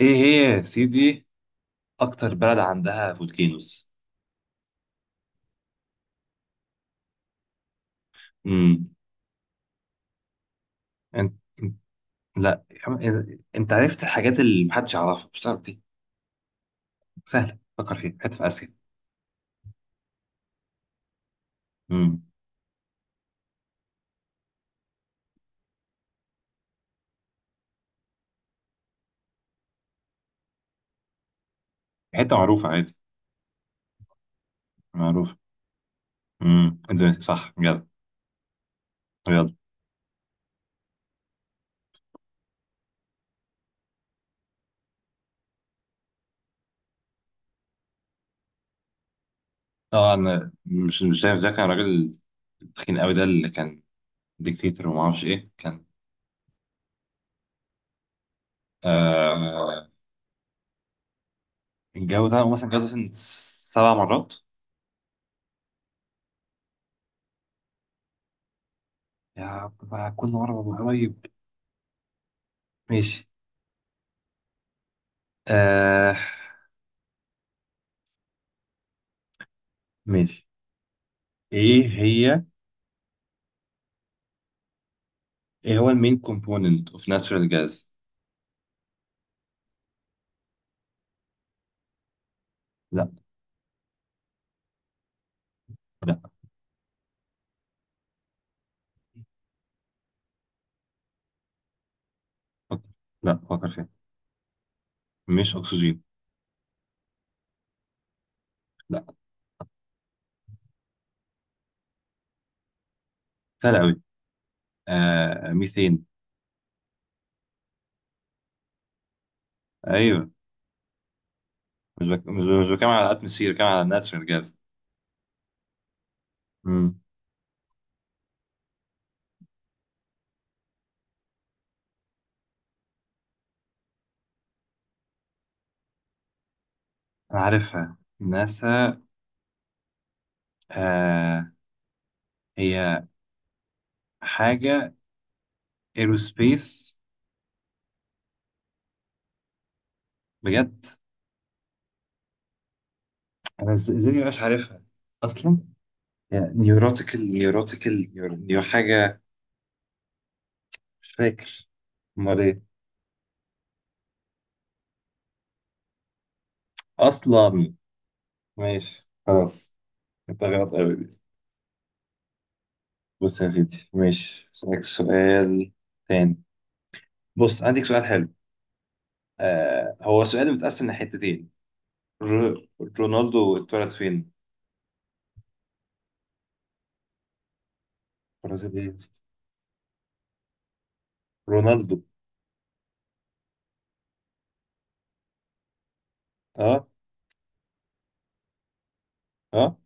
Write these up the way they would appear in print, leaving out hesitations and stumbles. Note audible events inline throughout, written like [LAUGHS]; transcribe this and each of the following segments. ايه هي؟ يا سيدي، اكتر بلد عندها فولكينوز؟ امم انت. إنت- لا يا عم، انت عرفت الحاجات اللي محدش يعرفها، مش تعرف دي؟ سهله، فكر فيها، حته في اسيا. امم حته معروفه عادي، معروفه. اندونيسيا، صح، يلا. يلا. اه، انا مش ده كان راجل تخين قوي، ده اللي كان ديكتاتور وما اعرفش ايه كان. آه، الجو ده مثلا جوز مثلا سبع مرات. يا بقى كل مره ببقى قريب. ماشي. آه. ماشي. ايه هي؟ ايه هو المين كومبوننت اوف ناتشورال جاز؟ لا. لا، فكر. لا، فكر فيها، مش اكسجين. لا. سهل قوي. آه، ميثين. ايوه. مش بتكلم على الاتموسفير، بتكلم على ناتشورال جاز. امم انا عارفها ناسا. آه، هي حاجه ايروسبيس. بجد؟ انا ازاي دي مش عارفها اصلا؟ نيوروتيكال نيو حاجه، مش فاكر. امال ايه؟ اصلا. ماشي خلاص، انت غلط قوي دي. بص يا سيدي، ماشي، اسالك سؤال تاني. بص، عندك سؤال حلو، آه، هو سؤال متقسم لحتتين. ر- رونالدو اتولد فين؟ برازيل؟ ايه يا اسطى؟ رونالدو. اه. اه.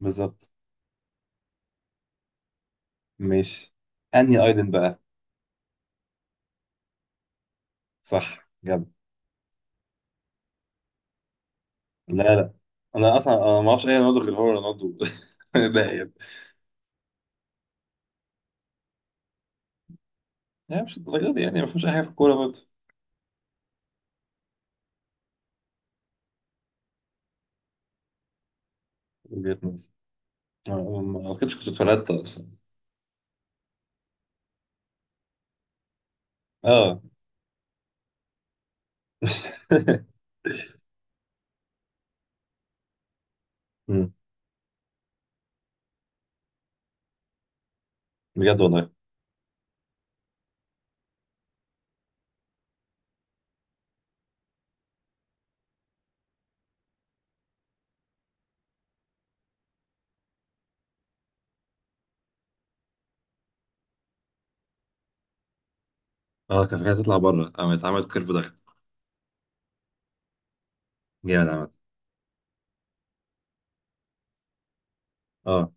بالظبط. ماشي. انهي ايلاند بقى؟ صح جد. لا لا، انا اصلا انا ما اعرفش اي رونالدو غير هو رونالدو. [LAUGHS] ده يعني، يعني مش الدرجه دي، يعني ما فيهمش اي حاجه في الكوره برضه. وجهة نظر. ما اعتقدش كنت اتولدت اصلا. اه. [LAUGHS] مم. بجد والله. اه، كان فكرة تطلع بره، اه، اتعمل كيرف ضغط. جامد عامة. اه،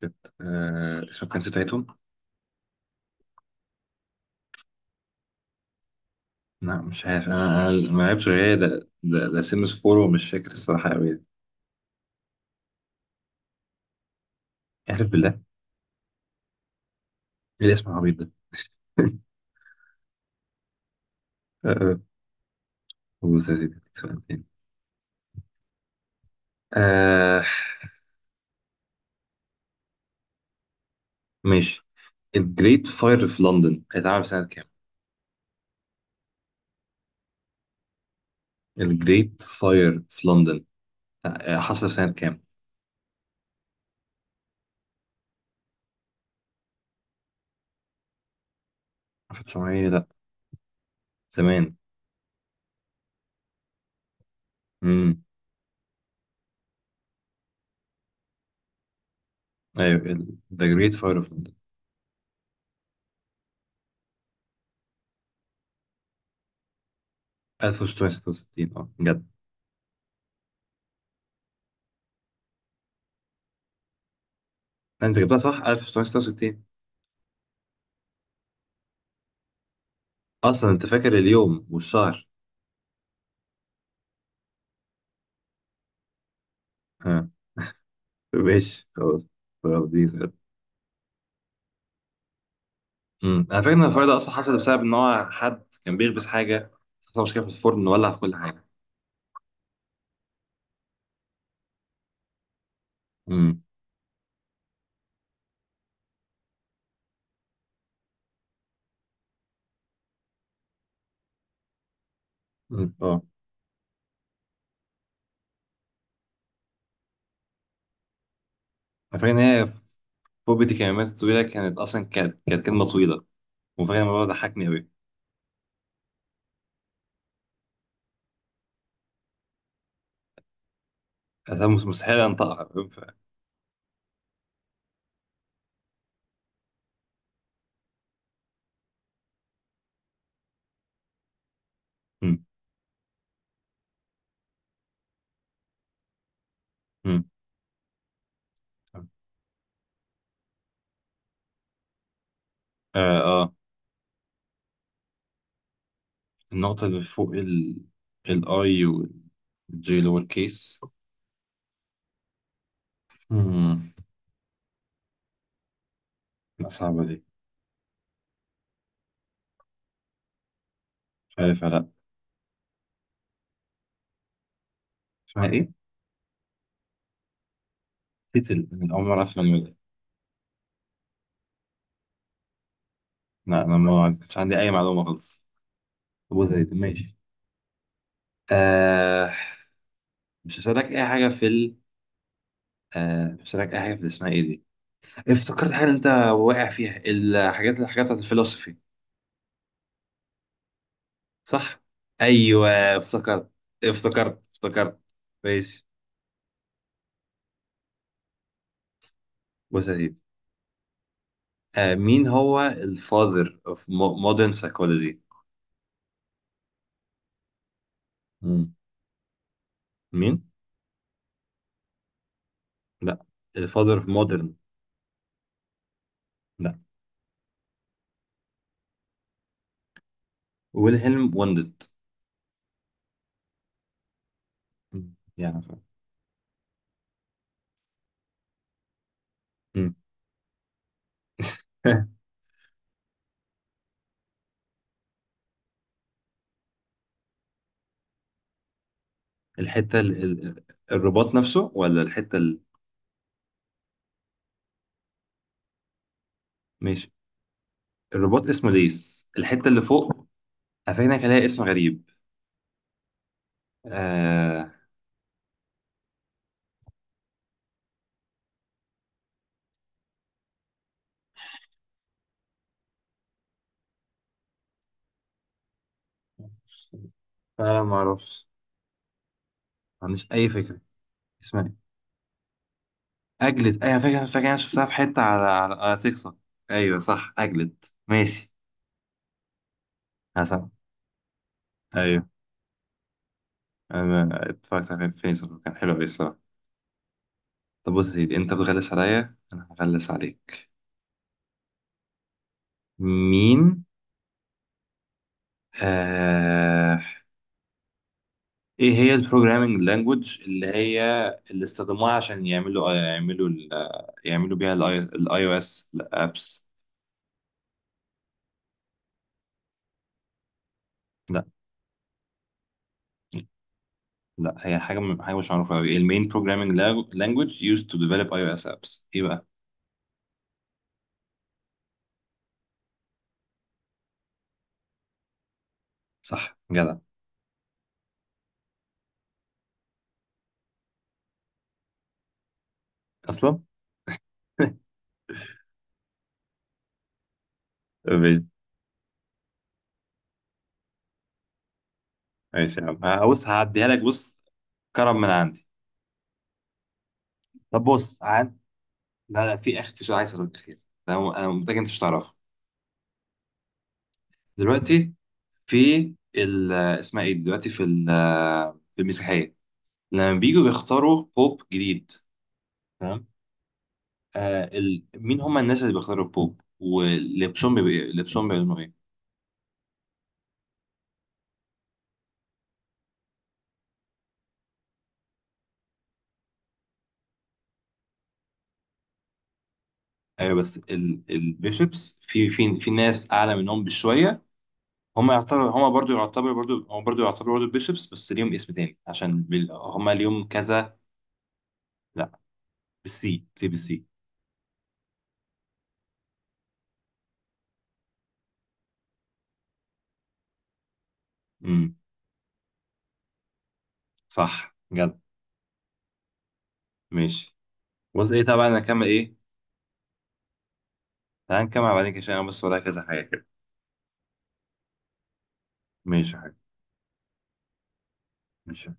كانت آه اسم الكنز بتاعتهم. لا مش عارف، انا انا ما لعبتش غير ده ده سيمس فور ومش فاكر الصراحة قوي. اعرف بالله؟ ايه الاسم العبيط ده! [LAUGHS] آه، بص يا سيدي، أديك سؤال تاني. آه، ماشي. الجريت فاير في لندن اتعمل في سنة كام؟ الجريت فاير في لندن، آه، آه، حصل في سنة كام؟ 1900؟ لا، زمان. امم ايوه، ذا جريت فاير في لندن. 1666، اه جدع. انت جبتها صح، 1966. اصلا انت فاكر اليوم والشهر! ها؟ ماشي خلاص. خلاص، دي سهلة. أمم. انا فاكر ان الفرق ده اصلا حصل بسبب ان هو حد كان بيخبز حاجه، حصل مشكله في الفرن، ولع في كل حاجه. امم أمم. اه، انا فاكر ان هي فوبيا الكلمات الطويله كانت اصلا، كانت كلمه طويله، وفاكر الموضوع ده ضحكني قوي. انا مستحيل انطقها، فاهم؟ ف أمم. أمم. اه. اه. النقطه اللي فوق ال الاي والجي لور كيس. أمم. لا، صعبه دي، مش عارف، لا. اسمها ايه؟ تيتل؟ انا اول مره اسمع النوع ده. لا، انا ما كانش عندي اي معلومه خالص. ابو زيد، ماشي. آه، مش هسألك اي حاجه في ال آه، مش هسألك اي حاجه في اللي اسمها ايه دي. افتكرت حاجه انت واقع فيها، الحاجات بتاعت الفلسفي. صح؟ ايوه. افتكرت افتكرت. ماشي. بص يا سيدي، آه، مين هو الفاذر اوف مودرن سايكولوجي؟ مين؟ لا، الفاذر اوف مودرن. لا. ويلهلم وندت. مم. يعني فاهم. مم. [LAUGHS] الحتة ال... ال- الرباط نفسه ولا الحتة ال...؟ ماشي. الرباط اسمه ليس، الحتة اللي فوق. هفهمك، هلاقي اسم غريب. آه... فعلا ما اعرفش، ما عنديش اي فكرة. اسمها ايه؟ اجلت؟ ايوه فاكر، فاكر، انا شفتها في حتة على على تيك توك. ايوه صح، اجلت. ماشي. حسن، ايوه، انا اتفرجت على فيلم كان حلو قوي الصراحة. طب بص يا سيدي، انت بتغلس عليا، انا هغلس عليك. مين؟ آه... ايه هي البروجرامينج لانجوج اللي هي اللي استخدموها عشان يعملوا آه، يعملوا آه، يعملوا بيها الاي او اس الابس؟ لا. لا، هي حاجه حاجه مش معروفه قوي. المين بروجرامينج لانجوج used to develop اي او اس ابس، ايه بقى؟ صح جدع. اصلا. [LAUGHS] طيب، ماشي يا عم، بص، هعديها لك. بص، كرم من عندي. طب بص عاد، لا لا في اخ، في سؤال عايز اسالك اخير. انا أنا متاكد انت مش تعرفه. دلوقتي، في ال آه، اسمها ايه دلوقتي في آه، في المسيحيه، لما بييجوا بيختاروا بوب جديد، تمام؟ آه، ال... مين هم الناس اللي بيختاروا البوب ولبسهم بيبقى إيه؟ لبسهم بيعلنوا ايه؟ ايوه بس ال... البيشوبس، في في ناس اعلى منهم بشويه. هم يعتبروا، هم برضو يعتبروا برضو، هم برضو يعتبروا برضو البيشوبس، بس ليهم اسم تاني عشان بال... هم ليهم كذا. لا، بالسي، سي، بالسي. امم صح جد. ماشي. بص ايه، طبعا انا اكمل ايه؟ تعال نكمل بعدين كده، عشان أنا بس ورايا كذا حاجه كده. ماشي يا حاج. ماشي، سلام.